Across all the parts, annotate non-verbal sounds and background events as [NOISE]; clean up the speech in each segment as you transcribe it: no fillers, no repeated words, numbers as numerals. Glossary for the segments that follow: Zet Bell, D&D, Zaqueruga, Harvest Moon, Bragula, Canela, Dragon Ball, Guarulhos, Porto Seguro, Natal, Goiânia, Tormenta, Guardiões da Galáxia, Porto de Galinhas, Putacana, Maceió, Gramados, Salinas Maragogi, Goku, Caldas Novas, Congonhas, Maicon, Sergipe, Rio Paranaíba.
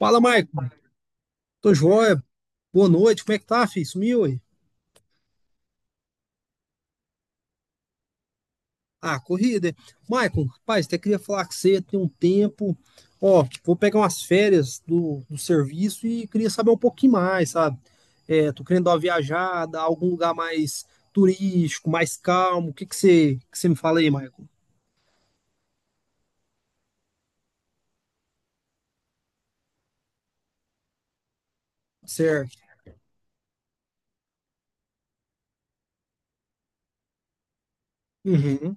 Fala, Maicon. Tô joia. Boa noite. Como é que tá, filho? Sumiu aí? Ah, corrida. É? Maicon, rapaz, até queria falar com você, tem um tempo. Ó, vou pegar umas férias do serviço e queria saber um pouquinho mais, sabe? É, tô querendo dar uma viajada, algum lugar mais turístico, mais calmo. O que que você, me fala aí, Maicon? Certo. Uhum.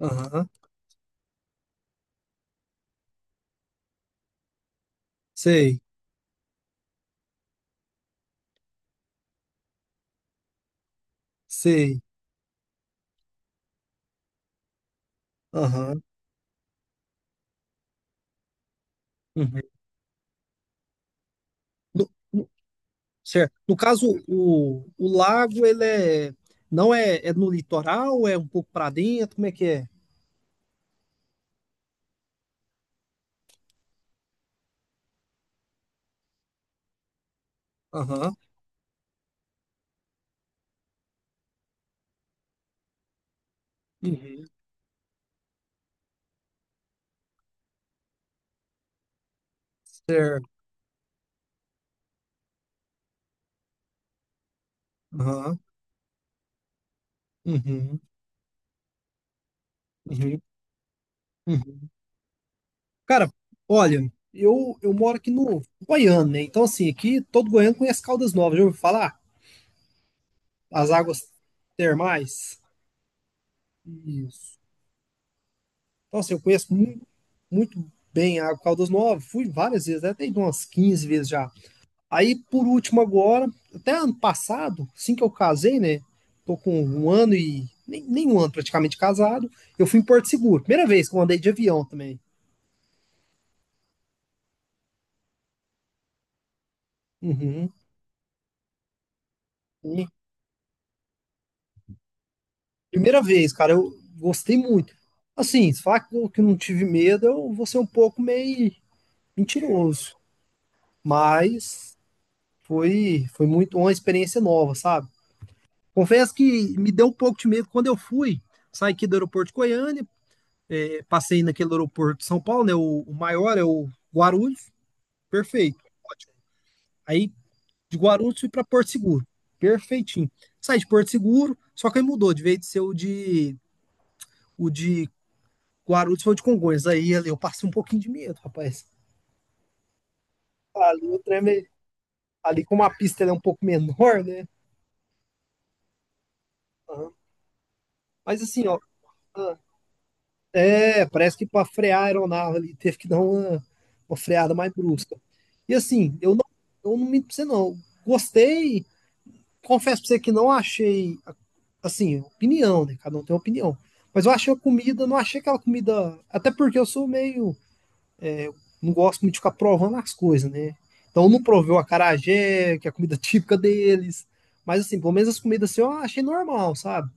Aham. Sei. Sei. Aham. Uhum. Certo. No caso, o, lago, ele é, não é, é no litoral, é um pouco para dentro, como é que é? Aham. Uhum. Certo. Aham. Uhum. Uhum. Uhum. Cara, olha, eu moro aqui no Goiânia, né? Então, assim, aqui todo goiano conhece Caldas Novas, já ouviu falar? As águas termais. Isso. Então, assim, eu conheço muito, bem a Caldas Novas, fui várias vezes, né? Até umas 15 vezes já. Aí, por último, agora, até ano passado, assim que eu casei, né? Tô com um ano e. Nem um ano praticamente casado. Eu fui em Porto Seguro. Primeira vez que eu andei de avião também. Uhum. E primeira vez, cara, eu gostei muito. Assim, se falar que eu que não tive medo, eu vou ser um pouco meio mentiroso. Mas foi muito uma experiência nova, sabe? Confesso que me deu um pouco de medo quando eu fui. Saí aqui do aeroporto de Goiânia, passei naquele aeroporto de São Paulo, né? O, maior é o Guarulhos, perfeito. Ótimo. Aí de Guarulhos fui para Porto Seguro, perfeitinho. Saí de Porto Seguro, só que aí mudou, de vez de ser o de, o de Guarulhos foi o de Congonhas. Aí ali eu passei um pouquinho de medo, rapaz. Ali o trem, ali como a pista ela é um pouco menor, né? Aham. Mas assim, ó, ah, é, parece que para frear a aeronave ali teve que dar uma, freada mais brusca. E assim, eu não, minto pra você não. Gostei, confesso pra você que não achei, assim, opinião, né? Cada um tem uma opinião. Mas eu achei a comida, não achei aquela comida. Até porque eu sou meio. É, não gosto muito de ficar provando as coisas, né? Então eu não provei o acarajé, que é a comida [LAUGHS] típica deles. Mas assim, pelo menos as comidas assim eu achei normal, sabe?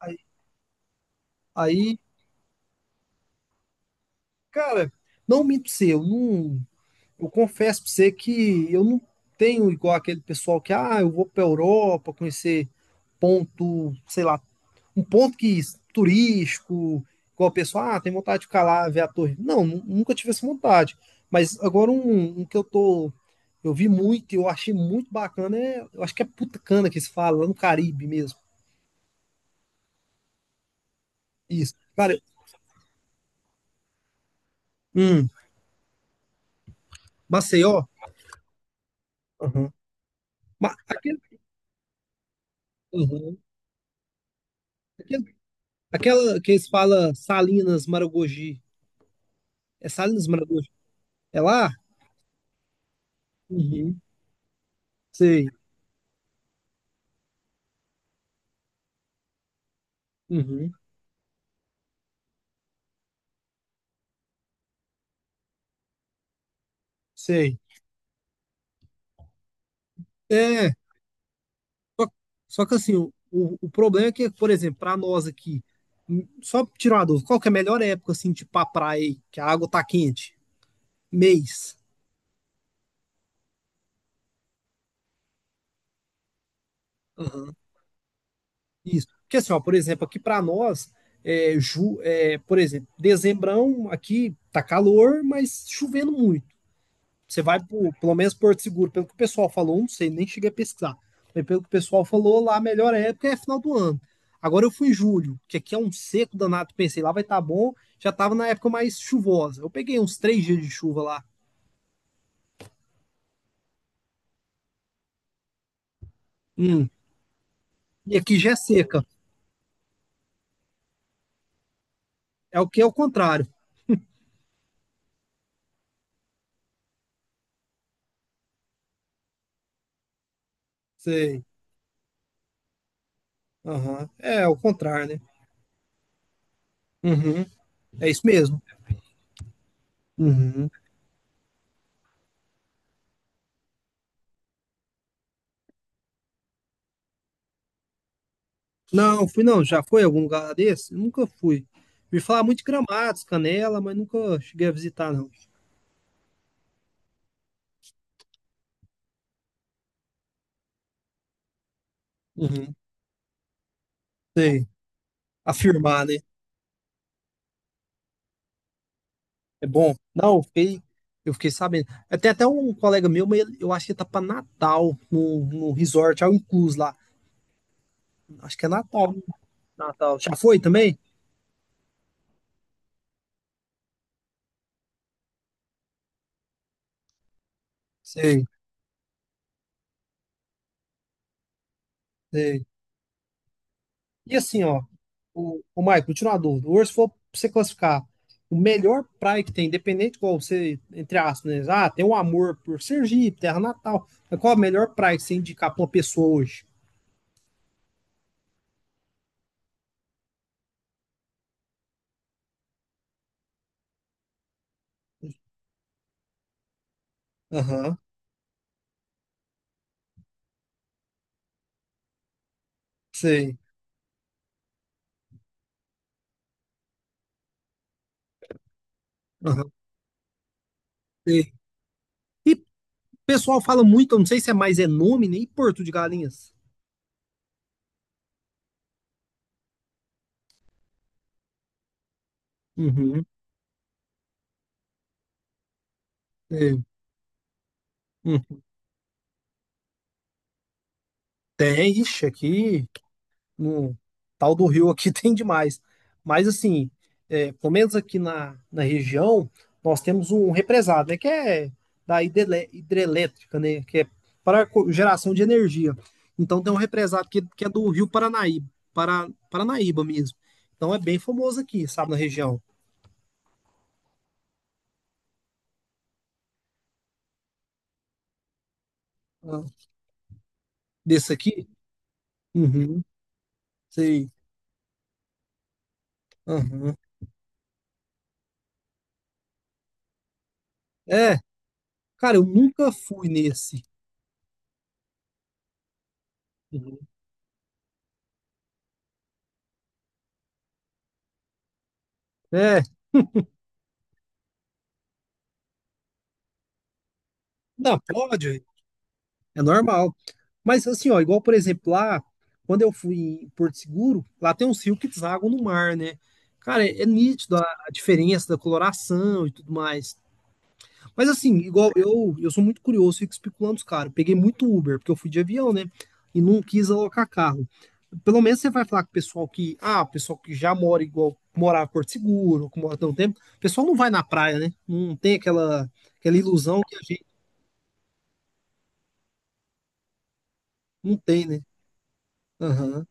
Aí, aí, cara, não minto pra você, eu não. Eu confesso pra você que eu não tenho igual aquele pessoal que, ah, eu vou pra Europa conhecer ponto, sei lá, um ponto que turístico, igual o pessoal, ah, tem vontade de ficar lá, ver a torre. Não, nunca tive essa vontade. Mas agora um, que eu tô. Eu vi muito e eu achei muito bacana é. Eu acho que é Putacana que se fala, lá no Caribe mesmo. Isso. Cara, hum, Maceió. Uhum. Aquele, uhum. Aquele- aquela que eles falam Salinas Maragogi. É Salinas Maragogi? É lá? Uhum. Sei. Uhum. Sei. É. Só, que assim, o, problema é que, por exemplo, para nós aqui, só tirar uma dúvida, qual que é a melhor época, assim, tipo pra praia, aí, que a água tá quente? Mês. Aham. Isso. Porque assim, ó, por exemplo, aqui para nós, é, é, por exemplo, dezembrão aqui tá calor, mas chovendo muito. Você vai pro, pelo menos Porto Seguro, pelo que o pessoal falou, não sei, nem cheguei a pesquisar. Mas pelo que o pessoal falou, lá a melhor época é final do ano. Agora eu fui em julho, que aqui é um seco danado, pensei, lá vai estar tá bom, já estava na época mais chuvosa. Eu peguei uns 3 dias de chuva lá. Hum. E aqui já é seca. É o que é o contrário. Sei. Aham. É, é o contrário, né? Uhum. É isso mesmo. Uhum. Não, fui não. Já foi em algum lugar desse? Nunca fui. Me falar muito de Gramados, Canela, mas nunca cheguei a visitar, não. Uhum. Sei. Afirmar, né? É bom. Não, eu fiquei sabendo. Até um colega meu, mas eu acho que ele tá pra Natal, no resort, ao incluso lá. Acho que é Natal, né? Natal. Já foi também? Sei, sei. E assim, ó, o, Maicon, continua a dúvida. Hoje, se for pra você classificar o melhor praia que tem, independente de qual você, entre aspas, né? Ah, tem um amor por Sergipe, terra natal. Mas qual a melhor praia que você indicar pra uma pessoa hoje? Aham, sei. Aham, sei. E o pessoal fala muito, eu não sei se é mais é nome, nem Porto de Galinhas. Uhum. É, hum, tem, ixi, aqui no tal do Rio aqui [LAUGHS] tem demais. Mas assim, é, pelo menos aqui na, região, nós temos um represado, né? Que é da hidrelétrica, né? Que é para geração de energia. Então tem um represado que é do Rio Paranaíba, Paranaíba mesmo. Então é bem famoso aqui, sabe, na região. Ah, desse aqui? Uhum, sei. Uhum. É, cara, eu nunca fui nesse. Uhum. É, não, pode, é normal. Mas assim, ó, igual por exemplo lá, quando eu fui em Porto Seguro, lá tem uns rios que deságua no mar, né? Cara, é nítido a, diferença da coloração e tudo mais. Mas assim, igual eu sou muito curioso, fico especulando os caras. Peguei muito Uber, porque eu fui de avião, né? E não quis alocar carro. Pelo menos você vai falar com o pessoal que, ah, o pessoal que já mora igual, morava em Porto Seguro, que mora há tanto tempo. O pessoal não vai na praia, né? Não tem aquela, ilusão que a gente não tem, né? Aham,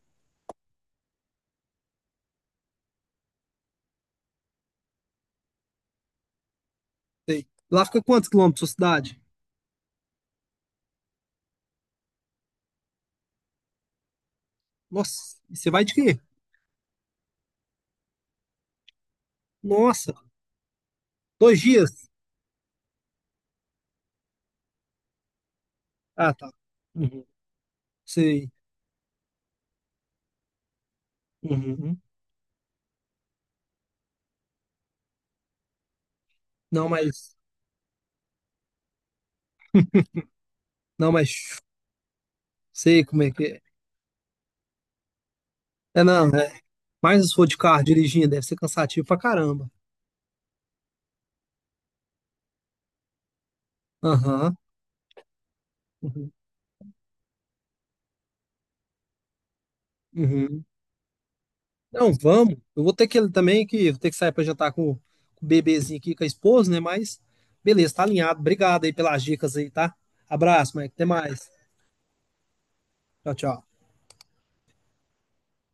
sei. Lá fica quantos quilômetros da sua cidade? Nossa, e você vai de quê? Nossa, 2 dias? Ah, tá. Uhum, sei. Uhum. Não, mas, não, mas, sei como é que é. É, não, é, mas se for de carro dirigindo, deve ser cansativo pra caramba. Aham. Uhum. Uhum. Não, vamos. Eu vou ter que ele também, que vou ter que sair pra jantar com o bebezinho aqui, com a esposa, né? Mas beleza, tá alinhado. Obrigado aí pelas dicas aí, tá? Abraço, Mike. Até mais. Tchau, tchau.